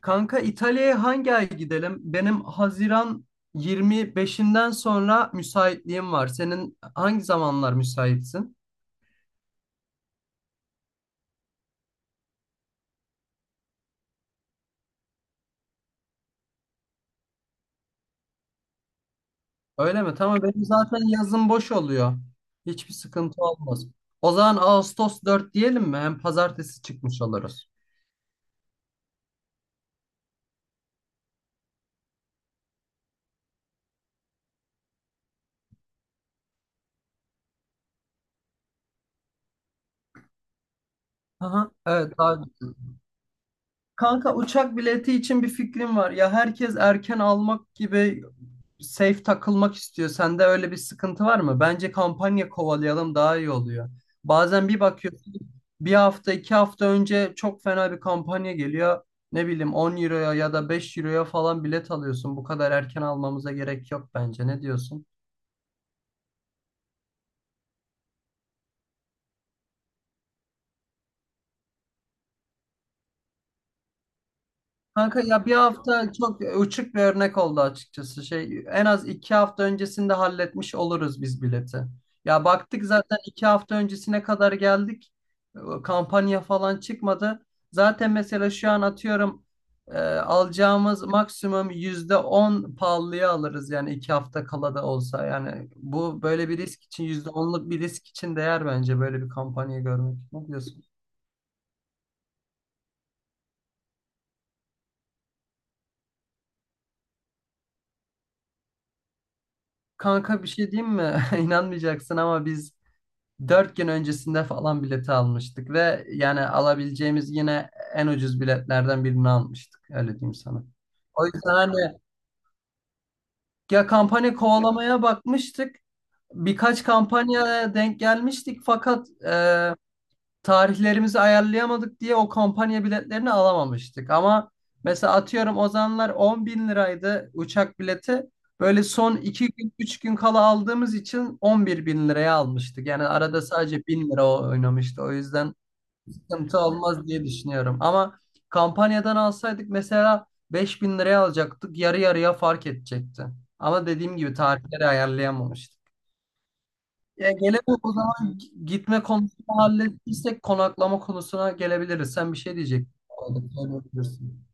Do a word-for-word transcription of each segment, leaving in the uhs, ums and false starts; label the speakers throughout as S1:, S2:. S1: Kanka İtalya'ya hangi ay gidelim? Benim Haziran yirmi beşinden sonra müsaitliğim var. Senin hangi zamanlar müsaitsin? Öyle mi? Tamam benim zaten yazın boş oluyor. Hiçbir sıkıntı olmaz. O zaman Ağustos dört diyelim mi? Hem pazartesi çıkmış oluruz. Aha, evet daha. Kanka uçak bileti için bir fikrim var. Ya herkes erken almak gibi safe takılmak istiyor. Sende öyle bir sıkıntı var mı? Bence kampanya kovalayalım daha iyi oluyor. Bazen bir bakıyorsun bir hafta iki hafta önce çok fena bir kampanya geliyor. Ne bileyim on euroya ya da beş euroya falan bilet alıyorsun. Bu kadar erken almamıza gerek yok bence. Ne diyorsun? Kanka ya bir hafta çok uçuk bir örnek oldu açıkçası. Şey en az iki hafta öncesinde halletmiş oluruz biz bileti. Ya baktık zaten iki hafta öncesine kadar geldik. E, Kampanya falan çıkmadı. Zaten mesela şu an atıyorum e, alacağımız maksimum yüzde on pahalıya alırız yani iki hafta kala da olsa. Yani bu böyle bir risk için yüzde onluk bir risk için değer bence böyle bir kampanya görmek. Ne diyorsun? Kanka bir şey diyeyim mi? İnanmayacaksın ama biz Dört gün öncesinde falan bileti almıştık ve yani alabileceğimiz yine en ucuz biletlerden birini almıştık. Öyle diyeyim sana. O yüzden hani ya kampanya kovalamaya bakmıştık. Birkaç kampanyaya denk gelmiştik fakat e, tarihlerimizi ayarlayamadık diye o kampanya biletlerini alamamıştık. Ama mesela atıyorum o zamanlar on bin liraydı uçak bileti. Böyle son iki gün üç gün kala aldığımız için on bir bin liraya almıştık. Yani arada sadece bin lira o- oynamıştı. O yüzden sıkıntı olmaz diye düşünüyorum. Ama kampanyadan alsaydık mesela beş bin liraya alacaktık. Yarı yarıya fark edecekti. Ama dediğim gibi tarihleri ayarlayamamıştık. Ya gelelim o zaman gitme konusunu hallettiysek konaklama konusuna gelebiliriz. Sen bir şey diyecektin. söyleyebilirsin.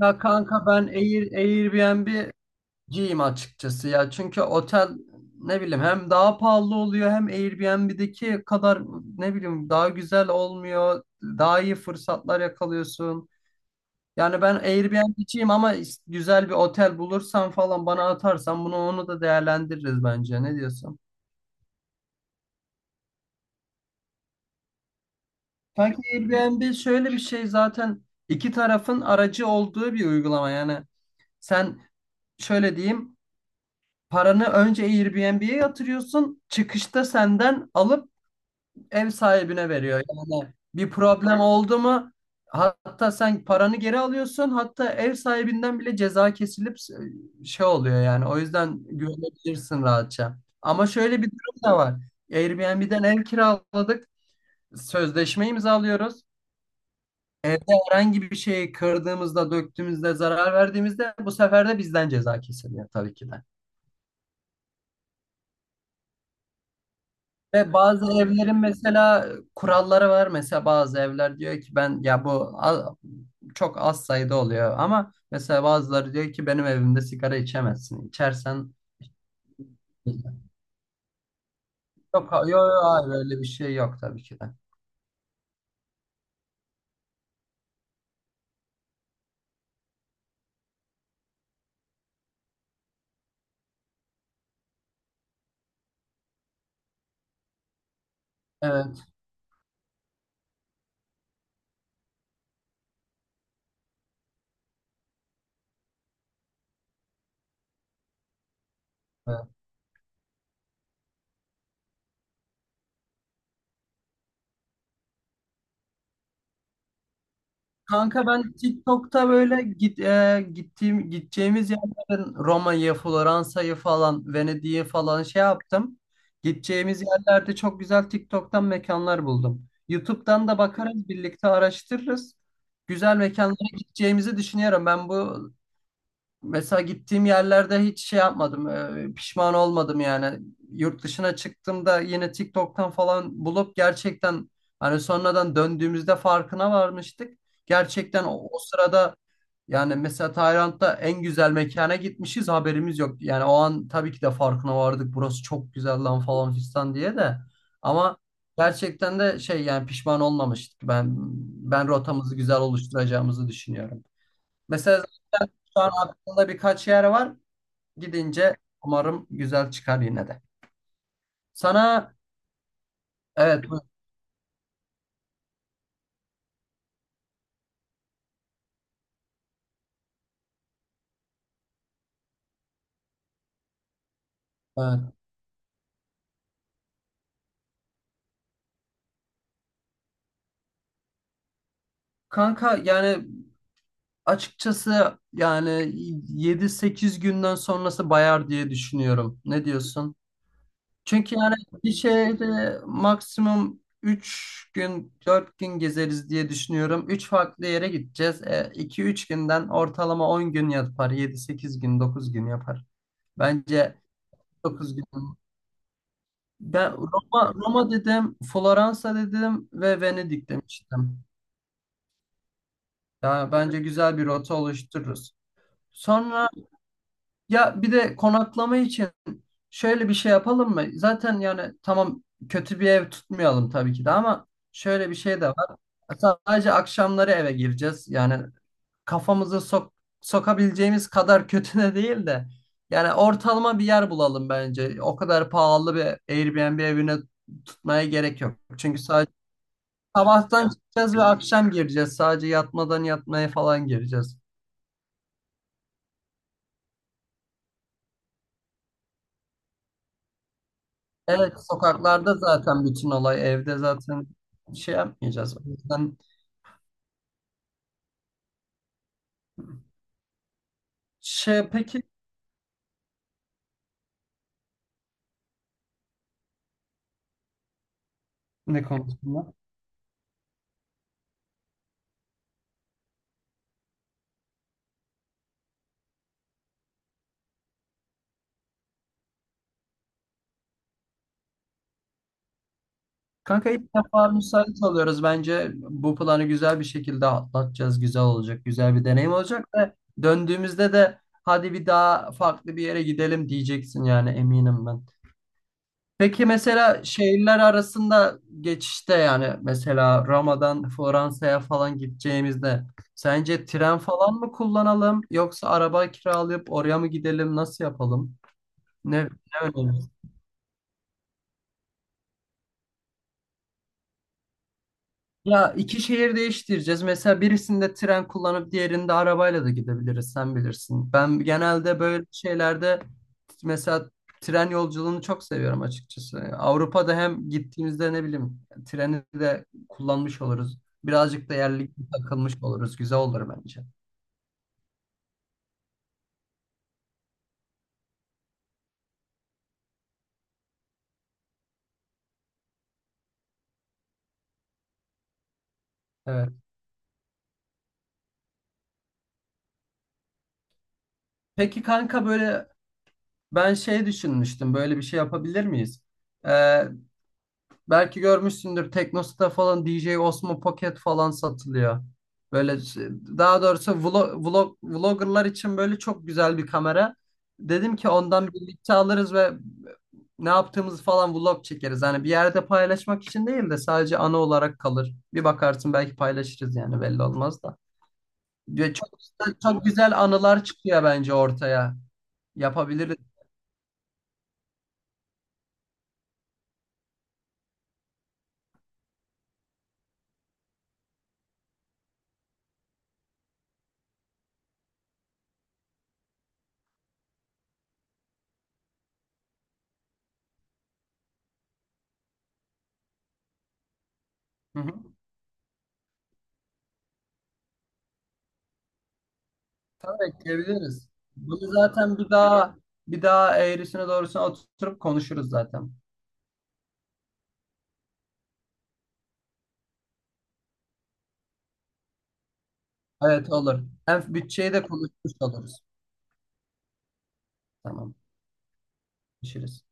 S1: Ya kanka ben Air, Airbnb'ciyim açıkçası ya. Çünkü otel ne bileyim hem daha pahalı oluyor hem Airbnb'deki kadar ne bileyim daha güzel olmuyor. Daha iyi fırsatlar yakalıyorsun. Yani ben Airbnb'ciyim ama is- güzel bir otel bulursan falan bana atarsan bunu onu da değerlendiririz bence. Ne diyorsun? Sanki Airbnb şöyle bir şey zaten iki tarafın aracı olduğu bir uygulama. Yani sen şöyle diyeyim paranı önce Airbnb'ye yatırıyorsun çıkışta senden alıp ev sahibine veriyor. Yani bir problem oldu mu hatta sen paranı geri alıyorsun hatta ev sahibinden bile ceza kesilip e, şey oluyor yani o yüzden güvenebilirsin rahatça. Ama şöyle bir durum da var. Airbnb'den ev kiraladık, sözleşme imzalıyoruz. Evde herhangi bir şeyi kırdığımızda, döktüğümüzde, zarar verdiğimizde bu sefer de bizden ceza kesiliyor tabii ki de. Ve bazı evlerin mesela kuralları var. Mesela bazı evler diyor ki ben ya bu a- çok az sayıda oluyor ama mesela bazıları diyor ki benim evimde sigara içemezsin. İçersen yok, yok, hayır öyle bir şey yok tabii ki de. Evet. evet. Kanka ben TikTok'ta böyle git, e, gittiğim gideceğimiz yerlerin Roma'yı, Floransa'yı falan, Venedik'i falan şey yaptım. Gideceğimiz yerlerde çok güzel TikTok'tan mekanlar buldum. YouTube'dan da bakarız, birlikte araştırırız. Güzel mekanlara gideceğimizi düşünüyorum. Ben bu. Mesela gittiğim yerlerde hiç şey yapmadım, e, pişman olmadım yani. Yurt dışına çıktığımda yine TikTok'tan falan bulup gerçekten hani sonradan döndüğümüzde farkına varmıştık. Gerçekten o, o sırada yani mesela Tayland'da en güzel mekana gitmişiz haberimiz yok. Yani o an tabii ki de farkına vardık burası çok güzel lan falan fistan diye de. Ama gerçekten de şey yani pişman olmamıştık. Ben ben rotamızı güzel oluşturacağımızı düşünüyorum. Mesela zaten şu an aklımda birkaç yer var. Gidince umarım güzel çıkar yine de. Sana evet, buyur. evet. Kanka yani açıkçası yani yedi sekiz günden sonrası bayar diye düşünüyorum. Ne diyorsun? Çünkü yani bir şehri maksimum üç gün dört gün gezeriz diye düşünüyorum. Üç farklı yere gideceğiz. iki üç günden ortalama on gün yapar. yedi sekiz gün dokuz gün yapar. Bence dokuz gün. Ben Roma, Roma dedim, Floransa dedim ve Venedik demiştim. Yani bence güzel bir rota oluştururuz. Sonra ya bir de konaklama için şöyle bir şey yapalım mı? Zaten yani tamam kötü bir ev tutmayalım tabii ki de ama şöyle bir şey de var. Sadece akşamları eve gireceğiz. Yani kafamızı sok sokabileceğimiz kadar kötü de değil de yani ortalama bir yer bulalım bence. O kadar pahalı bir Airbnb evine tutmaya gerek yok. Çünkü sadece Sabahtan çıkacağız ve akşam gireceğiz. Sadece yatmadan yatmaya falan gireceğiz. Evet, sokaklarda zaten bütün olay. Evde zaten şey yapmayacağız. O yüzden şey, peki, ne konusunda? Kanka ilk defa müsait oluyoruz. Bence bu planı güzel bir şekilde atlatacağız. Güzel olacak. Güzel bir deneyim olacak ve döndüğümüzde de hadi bir daha farklı bir yere gidelim diyeceksin yani eminim ben. Peki mesela şehirler arasında geçişte yani mesela Roma'dan Fransa'ya falan gideceğimizde sence tren falan mı kullanalım yoksa araba kiralayıp oraya mı gidelim, nasıl yapalım? Ne, ne önerirsin? Ya iki şehir değiştireceğiz. Mesela birisinde tren kullanıp diğerinde arabayla da gidebiliriz. Sen bilirsin. Ben genelde böyle şeylerde mesela tren yolculuğunu çok seviyorum açıkçası. Avrupa'da hem gittiğimizde ne bileyim treni de kullanmış oluruz. Birazcık da yerli takılmış oluruz. Güzel olur bence. Evet. Peki kanka böyle ben şey düşünmüştüm. Böyle bir şey yapabilir miyiz? Ee, Belki görmüşsündür Teknosa'da falan D J Osmo Pocket falan satılıyor. Böyle şey- Daha doğrusu vlog, vlog, vloggerlar için böyle çok güzel bir kamera. Dedim ki ondan birlikte alırız ve ne yaptığımızı falan vlog çekeriz. Hani bir yerde paylaşmak için değil de sadece ana olarak kalır. Bir bakarsın belki paylaşırız yani belli olmaz da. Ve çok, çok güzel anılar çıkıyor bence ortaya. Yapabiliriz. Hı hı. Tabii ekleyebiliriz. Bunu zaten bir daha bir daha eğrisine doğrusuna oturup konuşuruz zaten. Evet olur. Hem bütçeyi de konuşmuş oluruz. Tamam. Konuşuruz.